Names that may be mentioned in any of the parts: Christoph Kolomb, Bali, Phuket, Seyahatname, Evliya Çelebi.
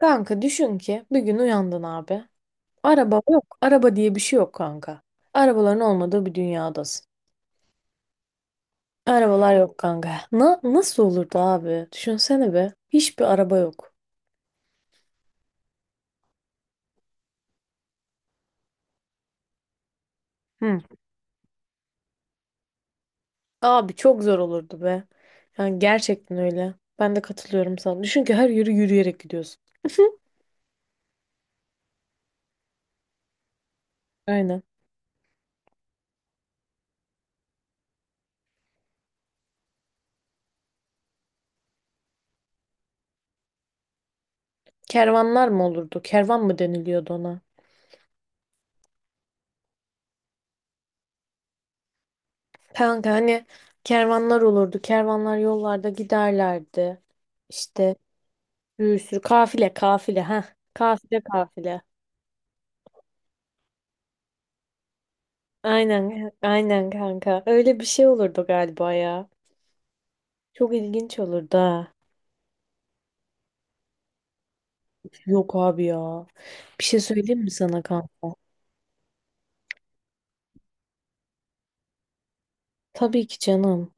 Kanka düşün ki bir gün uyandın abi. Araba yok. Araba diye bir şey yok kanka. Arabaların olmadığı bir dünyadasın. Arabalar yok kanka. Nasıl olurdu abi? Düşünsene be. Hiçbir araba yok. Hı. Abi çok zor olurdu be. Yani gerçekten öyle. Ben de katılıyorum sana. Düşün ki her yürüyerek gidiyorsun. Aynen. Kervanlar mı olurdu? Kervan mı deniliyordu ona? Kanka hani kervanlar olurdu. Kervanlar yollarda giderlerdi. İşte. Bir sürü kafile kafile ha. Kafile kafile. Aynen aynen kanka. Öyle bir şey olurdu galiba ya. Çok ilginç olurdu ha. Yok abi ya. Bir şey söyleyeyim mi sana kanka? Tabii ki canım.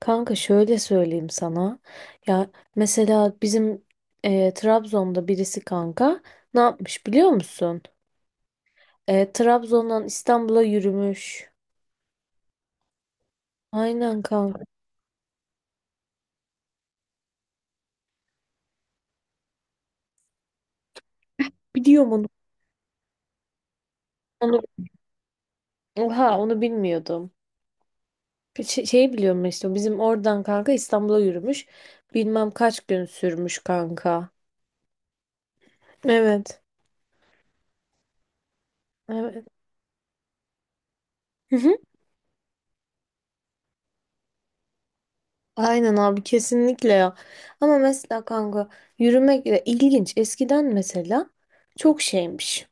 Kanka şöyle söyleyeyim sana. Ya mesela bizim Trabzon'da birisi kanka ne yapmış biliyor musun? Trabzon'dan İstanbul'a yürümüş. Aynen kanka. Biliyor musun? Onu, oha onu bilmiyordum. Şeyi biliyorum işte bizim oradan kanka İstanbul'a yürümüş. Bilmem kaç gün sürmüş kanka. Evet. Evet. Hı hı. Aynen abi kesinlikle ya. Ama mesela kanka yürümek de ilginç. Eskiden mesela çok şeymiş.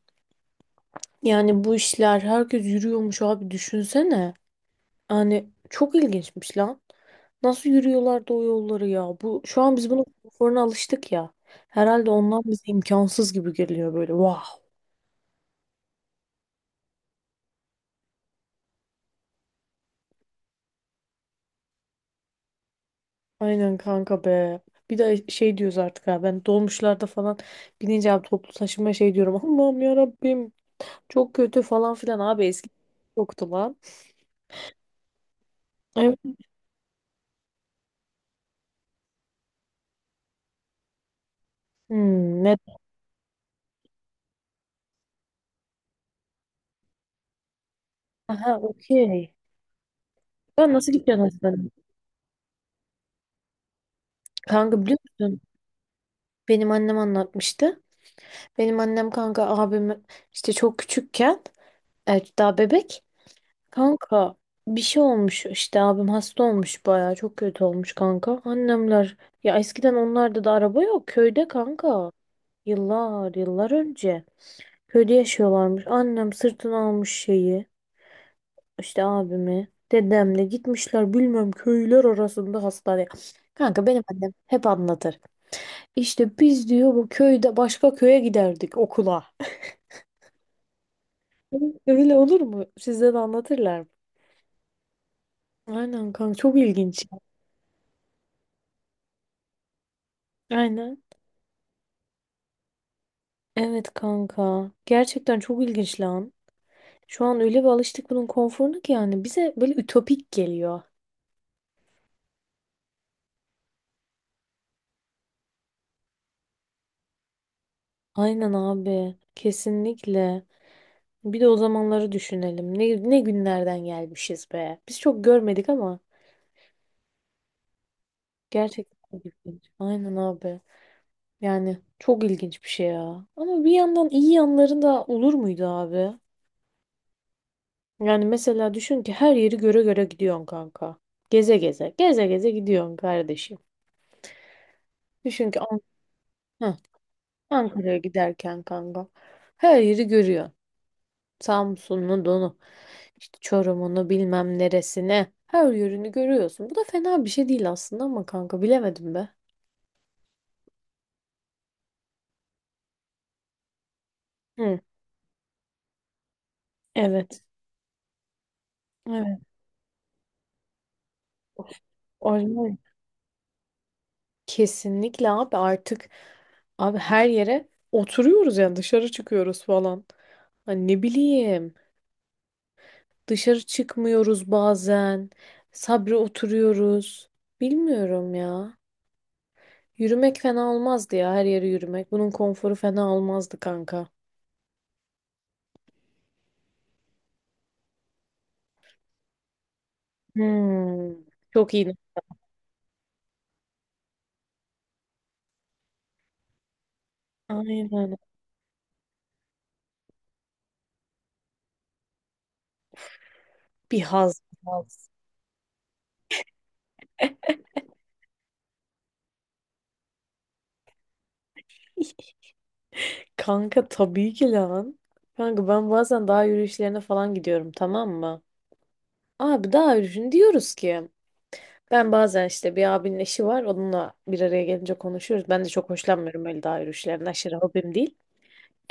Yani bu işler herkes yürüyormuş abi düşünsene. Yani çok ilginçmiş lan. Nasıl yürüyorlardı o yolları ya? Bu şu an biz bunun konforuna alıştık ya. Herhalde ondan bize imkansız gibi geliyor böyle. Vah. Aynen kanka be. Bir de şey diyoruz artık ha, ben dolmuşlarda falan binince abi toplu taşıma şey diyorum. Allah'ım ya Rabbim, çok kötü falan filan abi eski yoktu lan. Evet. Hmm, ne? Aha, okey. Ben nasıl gideceğim hastaneye? Kanka biliyor musun? Benim annem anlatmıştı. Benim annem kanka abim işte çok küçükken, evet, daha bebek. Kanka bir şey olmuş işte, abim hasta olmuş, bayağı çok kötü olmuş kanka. Annemler ya, eskiden onlarda da araba yok köyde kanka. Yıllar yıllar önce köyde yaşıyorlarmış. Annem sırtına almış şeyi, işte abimi, dedemle gitmişler bilmem köyler arasında hastaneye. Kanka benim annem hep anlatır. İşte biz diyor, bu köyde başka köye giderdik okula. Öyle olur mu? Size de anlatırlar mı? Aynen kanka, çok ilginç. Aynen. Evet kanka. Gerçekten çok ilginç lan. Şu an öyle bir alıştık bunun konforuna ki yani bize böyle ütopik geliyor. Aynen abi. Kesinlikle. Bir de o zamanları düşünelim. Ne günlerden gelmişiz be. Biz çok görmedik ama gerçekten çok ilginç. Aynen abi. Yani çok ilginç bir şey ya. Ama bir yandan iyi yanları da olur muydu abi? Yani mesela düşün ki her yeri göre göre gidiyorsun kanka. Geze geze. Geze geze gidiyorsun kardeşim. Düşün ki An- Heh, Ankara'ya giderken kanka. Her yeri görüyor. Samsun'u, donu, işte Çorum'unu bilmem neresine. Her yönünü görüyorsun. Bu da fena bir şey değil aslında ama kanka bilemedim be. Hı. Evet. Evet. Orijinal. Kesinlikle abi, artık abi her yere oturuyoruz yani dışarı çıkıyoruz falan. Hani ne bileyim, dışarı çıkmıyoruz bazen. Sabri oturuyoruz. Bilmiyorum ya. Yürümek fena olmazdı ya, her yere yürümek. Bunun konforu fena olmazdı kanka. Hmm, çok iyi. Aynen. Bir haz, bir haz. Kanka tabii ki lan. Kanka ben bazen dağ yürüyüşlerine falan gidiyorum, tamam mı? Abi dağ yürüyüşünü diyoruz ki. Ben bazen işte, bir abinin eşi var, onunla bir araya gelince konuşuyoruz. Ben de çok hoşlanmıyorum öyle dağ yürüyüşlerinden. Aşırı hobim değil.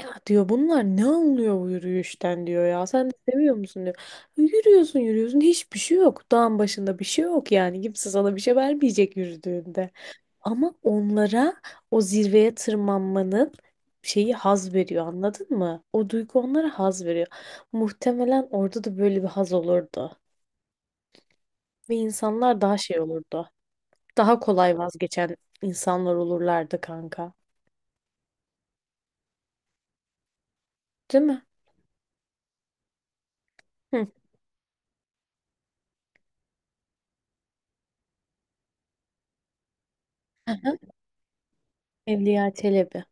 Ya diyor, bunlar ne anlıyor bu yürüyüşten diyor ya. Sen de seviyor musun diyor. Yürüyorsun yürüyorsun, hiçbir şey yok. Dağın başında bir şey yok yani. Kimse sana bir şey vermeyecek yürüdüğünde. Ama onlara o zirveye tırmanmanın şeyi haz veriyor, anladın mı? O duygu onlara haz veriyor. Muhtemelen orada da böyle bir haz olurdu. Ve insanlar daha şey olurdu. Daha kolay vazgeçen insanlar olurlardı kanka. Değil mi? Hı. Hı. Evliya Çelebi.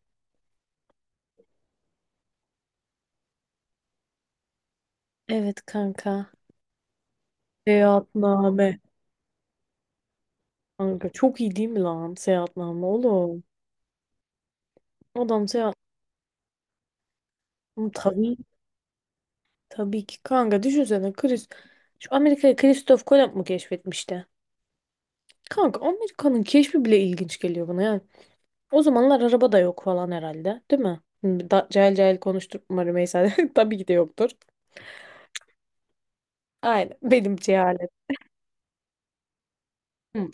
Evet kanka. Seyahatname. Kanka çok iyi değil mi lan seyahatname oğlum? Adam seyahat. Oğlum tabii tabii ki kanka düşünsene, şu Amerika'yı Christoph Kolomb mu keşfetmişti? Kanka Amerika'nın keşfi bile ilginç geliyor bana yani. O zamanlar araba da yok falan herhalde, değil mi? Hı, da, cahil cahil konuşturma Rümeysa. Tabii ki de yoktur. Aynen benim cehalet. Hı.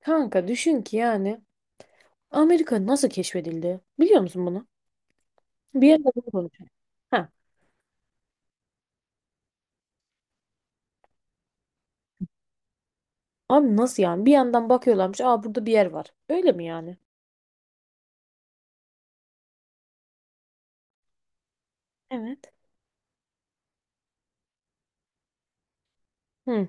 Kanka düşün ki yani Amerika nasıl keşfedildi? Biliyor musun bunu? Bir yerde bunu konuşuyor. Abi nasıl yani? Bir yandan bakıyorlarmış. Aa, burada bir yer var. Öyle mi yani? Evet. Hı.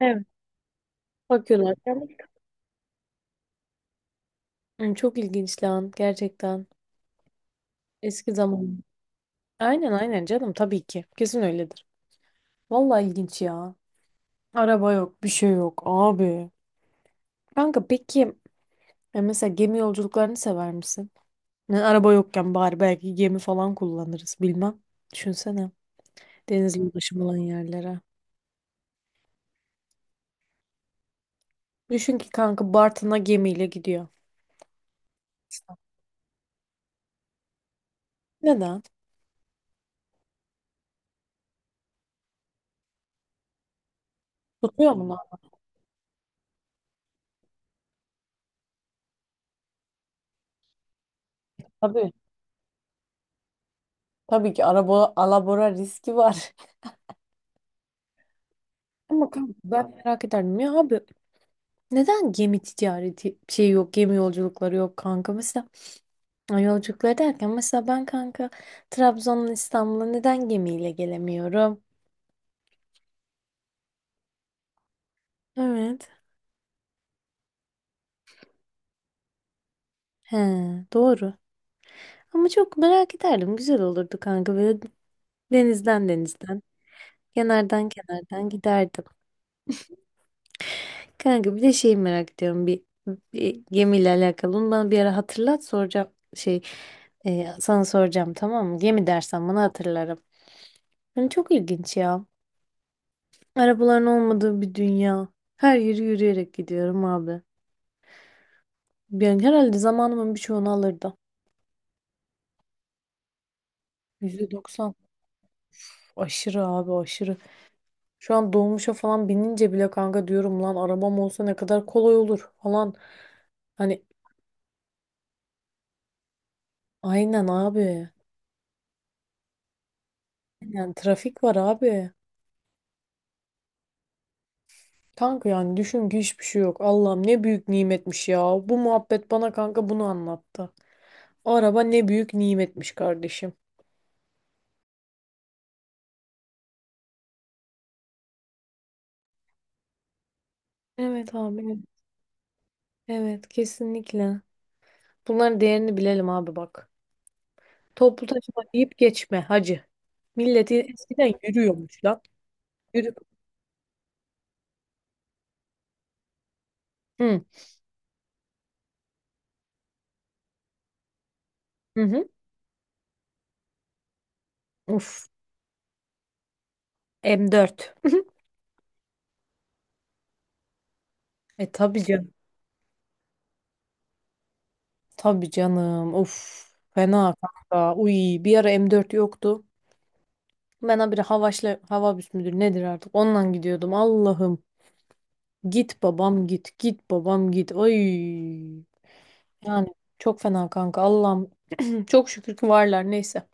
Evet. Bakıyorlar. Yani. Hı, çok ilginç lan gerçekten. Eski zaman. Aynen aynen canım, tabii ki. Kesin öyledir. Vallahi ilginç ya. Araba yok, bir şey yok abi. Kanka peki, ya mesela gemi yolculuklarını sever misin? Yani araba yokken bari belki gemi falan kullanırız bilmem. Düşünsene. Denizli ulaşım olan yerlere. Düşün ki kanka Bartın'a gemiyle gidiyor. Neden? Tutuyor mu lan? Tabii. Tabii ki araba alabora riski var. Ama kanka ben merak ederdim ya abi, neden gemi ticareti şey yok, gemi yolculukları yok kanka, mesela yolculukları derken mesela ben kanka Trabzon'dan İstanbul'a neden gemiyle gelemiyorum? Evet. He, doğru. Ama çok merak ederdim, güzel olurdu kanka böyle denizden denizden kenardan kenardan giderdim. Kanka bir de şeyi merak ediyorum, bir gemiyle alakalı. Onu bana bir ara hatırlat, soracağım şey sana soracağım, tamam mı? Gemi dersen bana hatırlarım. Yani çok ilginç ya. Arabaların olmadığı bir dünya. Her yeri yürüyerek gidiyorum abi. Yani herhalde zamanımın birçoğunu alırdı. %90, aşırı abi aşırı. Şu an dolmuşa falan binince bile kanka diyorum, lan arabam olsa ne kadar kolay olur falan. Hani aynen abi. Yani trafik var abi. Kanka yani düşün ki hiçbir şey yok. Allah'ım, ne büyük nimetmiş ya. Bu muhabbet bana kanka bunu anlattı. O araba ne büyük nimetmiş kardeşim. Evet abi. Evet. Evet, kesinlikle. Bunların değerini bilelim abi, bak. Toplu taşıma deyip geçme hacı. Milleti eskiden yürüyormuş lan. Yürü. Hı. Hı hı. Uf. M4. E tabii canım. Tabii canım. Uf. Fena kanka. Uy, bir ara M4 yoktu. Ben habire Havaşla Havabüs müdür nedir artık? Ondan gidiyordum. Allah'ım. Git babam git. Git babam git. Ay. Yani çok fena kanka. Allah'ım. Çok şükür ki varlar. Neyse.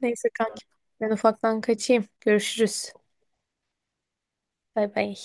Neyse kanka. Ben ufaktan kaçayım. Görüşürüz. Bay bay.